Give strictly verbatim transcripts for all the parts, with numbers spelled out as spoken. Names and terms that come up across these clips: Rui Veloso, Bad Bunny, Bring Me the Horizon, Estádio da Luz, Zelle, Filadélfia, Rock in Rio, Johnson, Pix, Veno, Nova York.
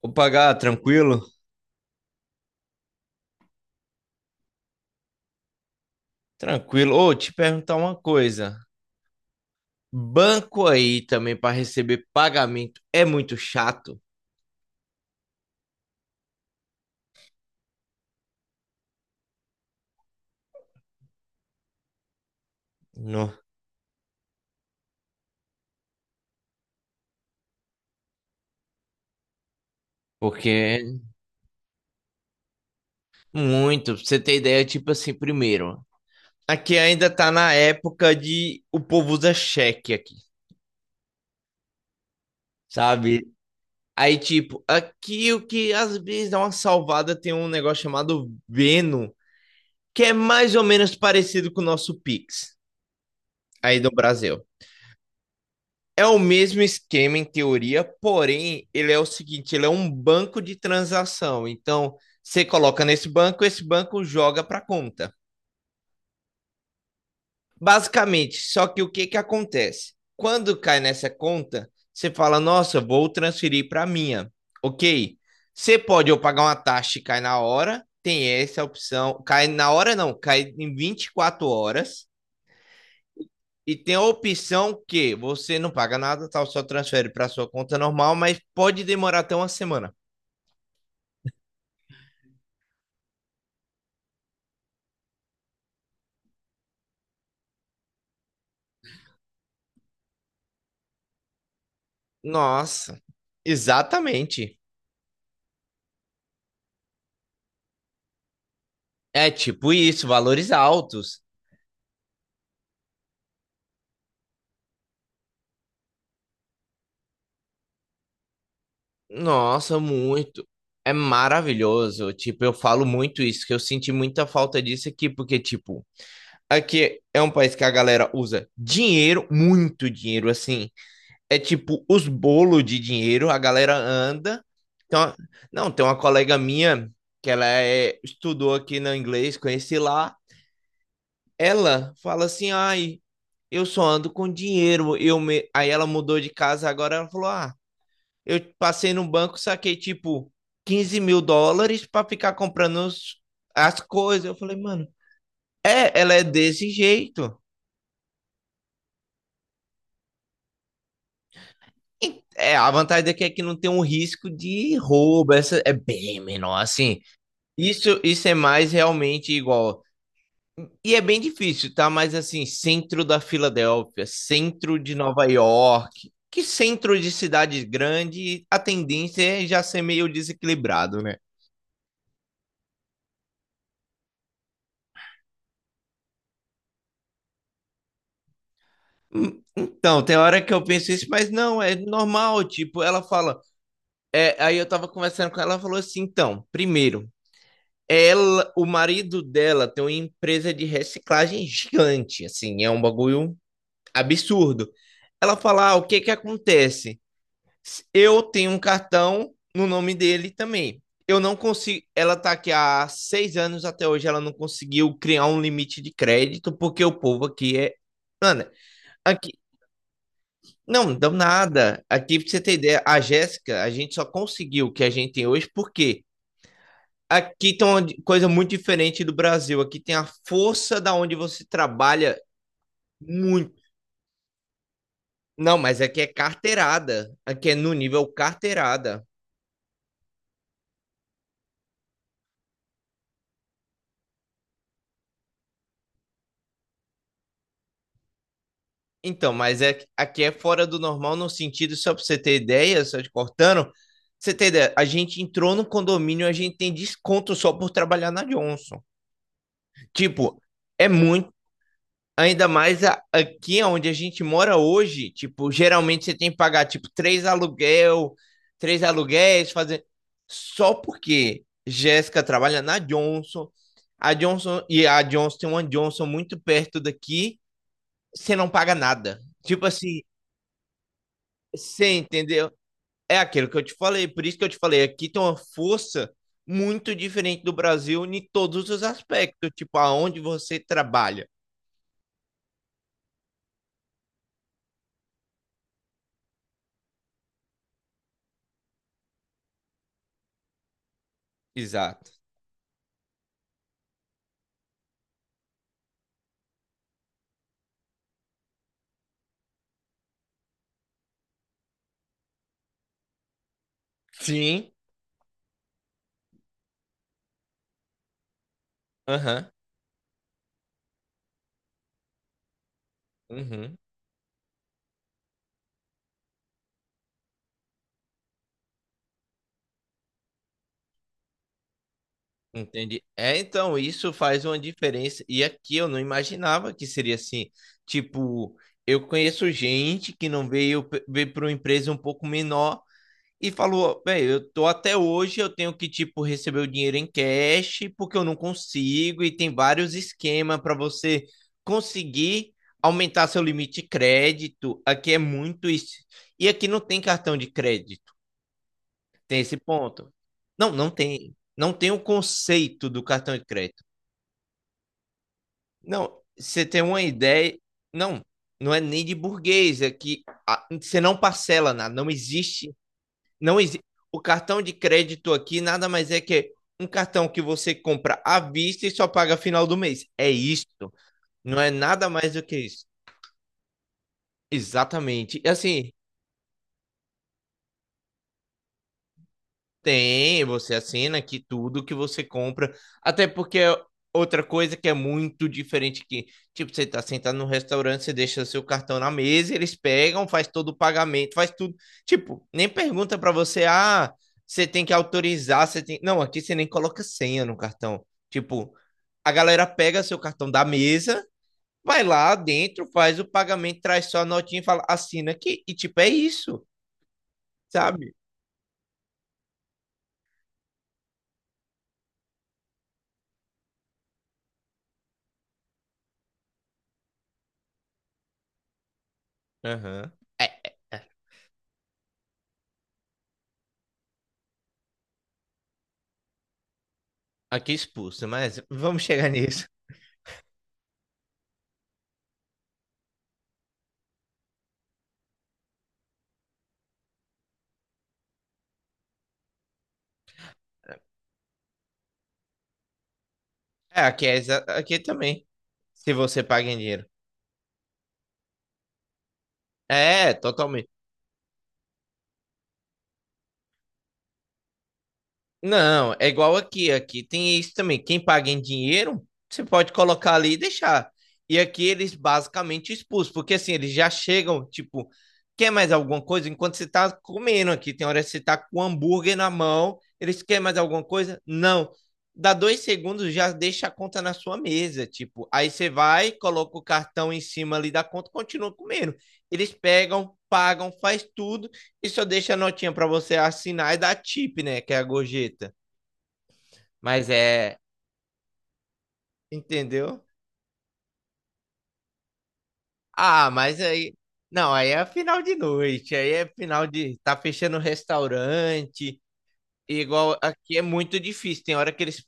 Opa, Gá, tranquilo? Tranquilo. Ô, te perguntar uma coisa. Banco aí também para receber pagamento é muito chato, não? Porque é muito, pra você ter ideia, tipo assim, primeiro, aqui ainda tá na época de o povo usa cheque aqui, sabe? Aí tipo, aqui o que às vezes dá uma salvada tem um negócio chamado Veno, que é mais ou menos parecido com o nosso Pix aí do Brasil. É o mesmo esquema em teoria, porém, ele é o seguinte, ele é um banco de transação. Então, você coloca nesse banco, esse banco joga para a conta. Basicamente, só que o que que acontece? Quando cai nessa conta, você fala: "Nossa, vou transferir para a minha". OK? Você pode ou pagar uma taxa e cai na hora, tem essa opção. Cai na hora não, cai em vinte e quatro horas. E tem a opção que você não paga nada, tal, só transfere para sua conta normal, mas pode demorar até uma semana. Nossa, exatamente. É tipo isso, valores altos. Nossa, muito. É maravilhoso. Tipo, eu falo muito isso, que eu senti muita falta disso aqui, porque, tipo, aqui é um país que a galera usa dinheiro, muito dinheiro, assim, é tipo os bolos de dinheiro, a galera anda. Então, não, tem uma colega minha que ela é, estudou aqui no inglês, conheci lá. Ela fala assim: ai, eu só ando com dinheiro. Eu me... Aí ela mudou de casa agora. Ela falou: ah, eu passei no banco, saquei tipo quinze mil dólares para ficar comprando os- as coisas. Eu falei, mano, é, ela é desse jeito. E, É, a vantagem daqui é que não tem um risco de roubo, essa é bem menor, assim. Isso, isso é mais realmente igual. E é bem difícil, tá? Mas assim, centro da Filadélfia, centro de Nova York, que centro de cidade grande, a tendência é já ser meio desequilibrado, né? Hum, Então, tem hora que eu penso isso, mas não, é normal, tipo, ela fala, é, aí eu tava conversando com ela, ela falou assim, então, primeiro, ela, o marido dela tem uma empresa de reciclagem gigante, assim, é um bagulho absurdo. Ela fala, ah, o que que acontece? Eu tenho um cartão no nome dele também. Eu não consigo. Ela tá aqui há seis anos até hoje. Ela não conseguiu criar um limite de crédito porque o povo aqui é. Mano, aqui. Não, dão nada. Aqui, pra você ter ideia, a Jéssica, a gente só conseguiu o que a gente tem hoje porque aqui tem uma di- coisa muito diferente do Brasil. Aqui tem a força da onde você trabalha muito. Não, mas aqui é carteirada. Aqui é no nível carteirada. Então, mas é, aqui é fora do normal no sentido, só para você ter ideia, só te cortando, você ter ideia, a gente entrou no condomínio, a gente tem desconto só por trabalhar na Johnson. Tipo, é muito, ainda mais a- aqui onde a gente mora hoje, tipo, geralmente você tem que pagar, tipo, três aluguel, três aluguéis, fazer... Só porque Jéssica trabalha na Johnson, a Johnson, e a Johnson tem uma Johnson muito perto daqui, você não paga nada. Tipo assim, você entendeu? É aquilo que eu te falei, por isso que eu te falei, aqui tem uma força muito diferente do Brasil em todos os aspectos, tipo aonde você trabalha. Exato. Sim. Aham. Uhum. Entendi. É, então, isso faz uma diferença. E aqui eu não imaginava que seria assim. Tipo, eu conheço gente que não veio, veio para uma empresa um pouco menor e falou: bem, eu tô até hoje, eu tenho que, tipo, receber o dinheiro em cash, porque eu não consigo, e tem vários esquemas para você conseguir aumentar seu limite de crédito. Aqui é muito isso. E aqui não tem cartão de crédito. Tem esse ponto. Não, não tem. Não tem o conceito do cartão de crédito. Não, você tem uma ideia. Não, não é nem de burguês. É que ah, você não parcela nada. Não existe. Não existe. O cartão de crédito aqui nada mais é que um cartão que você compra à vista e só paga final do mês. É isso. Não é nada mais do que isso. Exatamente. E assim, tem, você assina aqui tudo que você compra. Até porque é outra coisa que é muito diferente que, tipo, você tá sentado no restaurante, você deixa seu cartão na mesa, eles pegam, faz todo o pagamento, faz tudo. Tipo, nem pergunta para você, ah, você tem que autorizar, você tem. Não, aqui você nem coloca senha no cartão. Tipo, a galera pega seu cartão da mesa, vai lá dentro, faz o pagamento, traz só a notinha e fala, assina aqui. E tipo, é isso, sabe? Aham. É. Aqui expulso, mas vamos chegar nisso. É, aqui, é exa- aqui também. Se você paga em dinheiro. É, totalmente. Não, é igual aqui. Aqui tem isso também. Quem paga em dinheiro, você pode colocar ali e deixar. E aqui eles basicamente expulsam, porque assim, eles já chegam, tipo, quer mais alguma coisa? Enquanto você tá comendo aqui, tem hora que você tá com o hambúrguer na mão, eles querem mais alguma coisa? Não. Dá dois segundos, já deixa a conta na sua mesa, tipo. Aí você vai, coloca o cartão em cima ali da conta, continua comendo. Eles pegam, pagam, faz tudo. E só deixa a notinha pra você assinar e dar tip, né? Que é a gorjeta. Mas é. Entendeu? Ah, mas aí. Não, aí é final de noite. Aí é final de. Tá fechando o restaurante. Igual aqui é muito difícil. Tem hora que eles.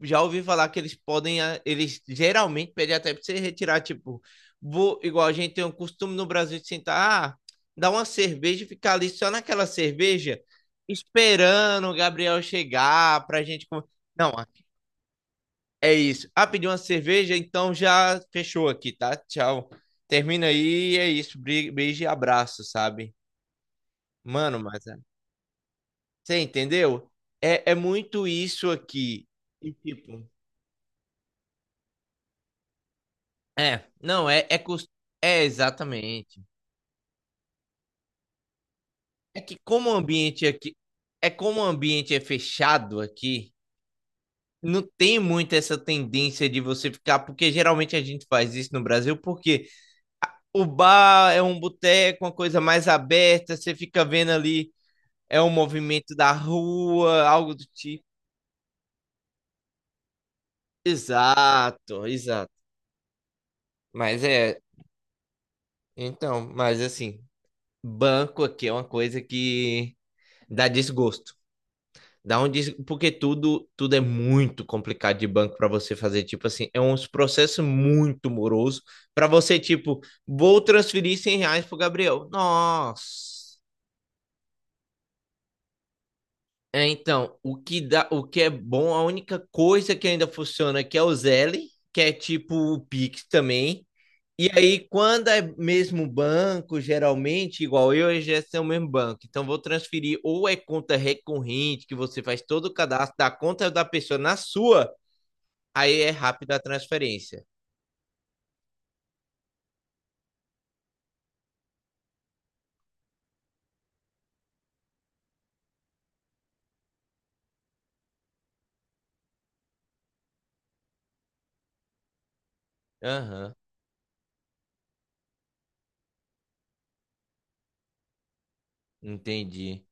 Já ouvi falar que eles podem. ah, Eles geralmente pedem até pra você retirar, tipo. Vou, igual a gente tem um costume no Brasil de sentar. Ah, dar uma cerveja e ficar ali só naquela cerveja, esperando o Gabriel chegar pra gente. con- Não, é isso. Ah, pediu uma cerveja, então já fechou aqui, tá? Tchau. Termina aí, é isso. Bri- Beijo e abraço, sabe? Mano, mas é- Você entendeu? É, é muito isso aqui. E tipo, é, não, é, é, cos- é exatamente. É que como o ambiente aqui, É como o ambiente é fechado aqui, não tem muito essa tendência de você ficar, porque geralmente a gente faz isso no Brasil, porque o bar é um boteco, uma coisa mais aberta, você fica vendo ali é um movimento da rua, algo do tipo. Exato, exato. Mas é, então, mas assim, banco aqui é uma coisa que dá desgosto. Dá um des... porque tudo tudo é muito complicado de banco para você fazer, tipo assim, é um processo muito moroso para você tipo, vou transferir cem reais pro Gabriel. Nossa. É, então, o que dá, o que é bom, a única coisa que ainda funciona aqui é o Zelle, que é tipo o Pix também. E aí, quando é mesmo banco, geralmente, igual eu e a Jéssica é o mesmo banco. Então, vou transferir ou é conta recorrente, que você faz todo o cadastro da conta da pessoa na sua, aí é rápida a transferência. Aham, entendi.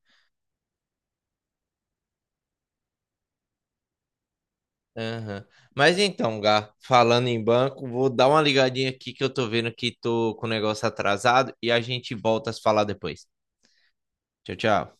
Aham. Mas então, Gá, falando em banco, vou dar uma ligadinha aqui que eu tô vendo que tô com o negócio atrasado e a gente volta a se falar depois. Tchau, tchau.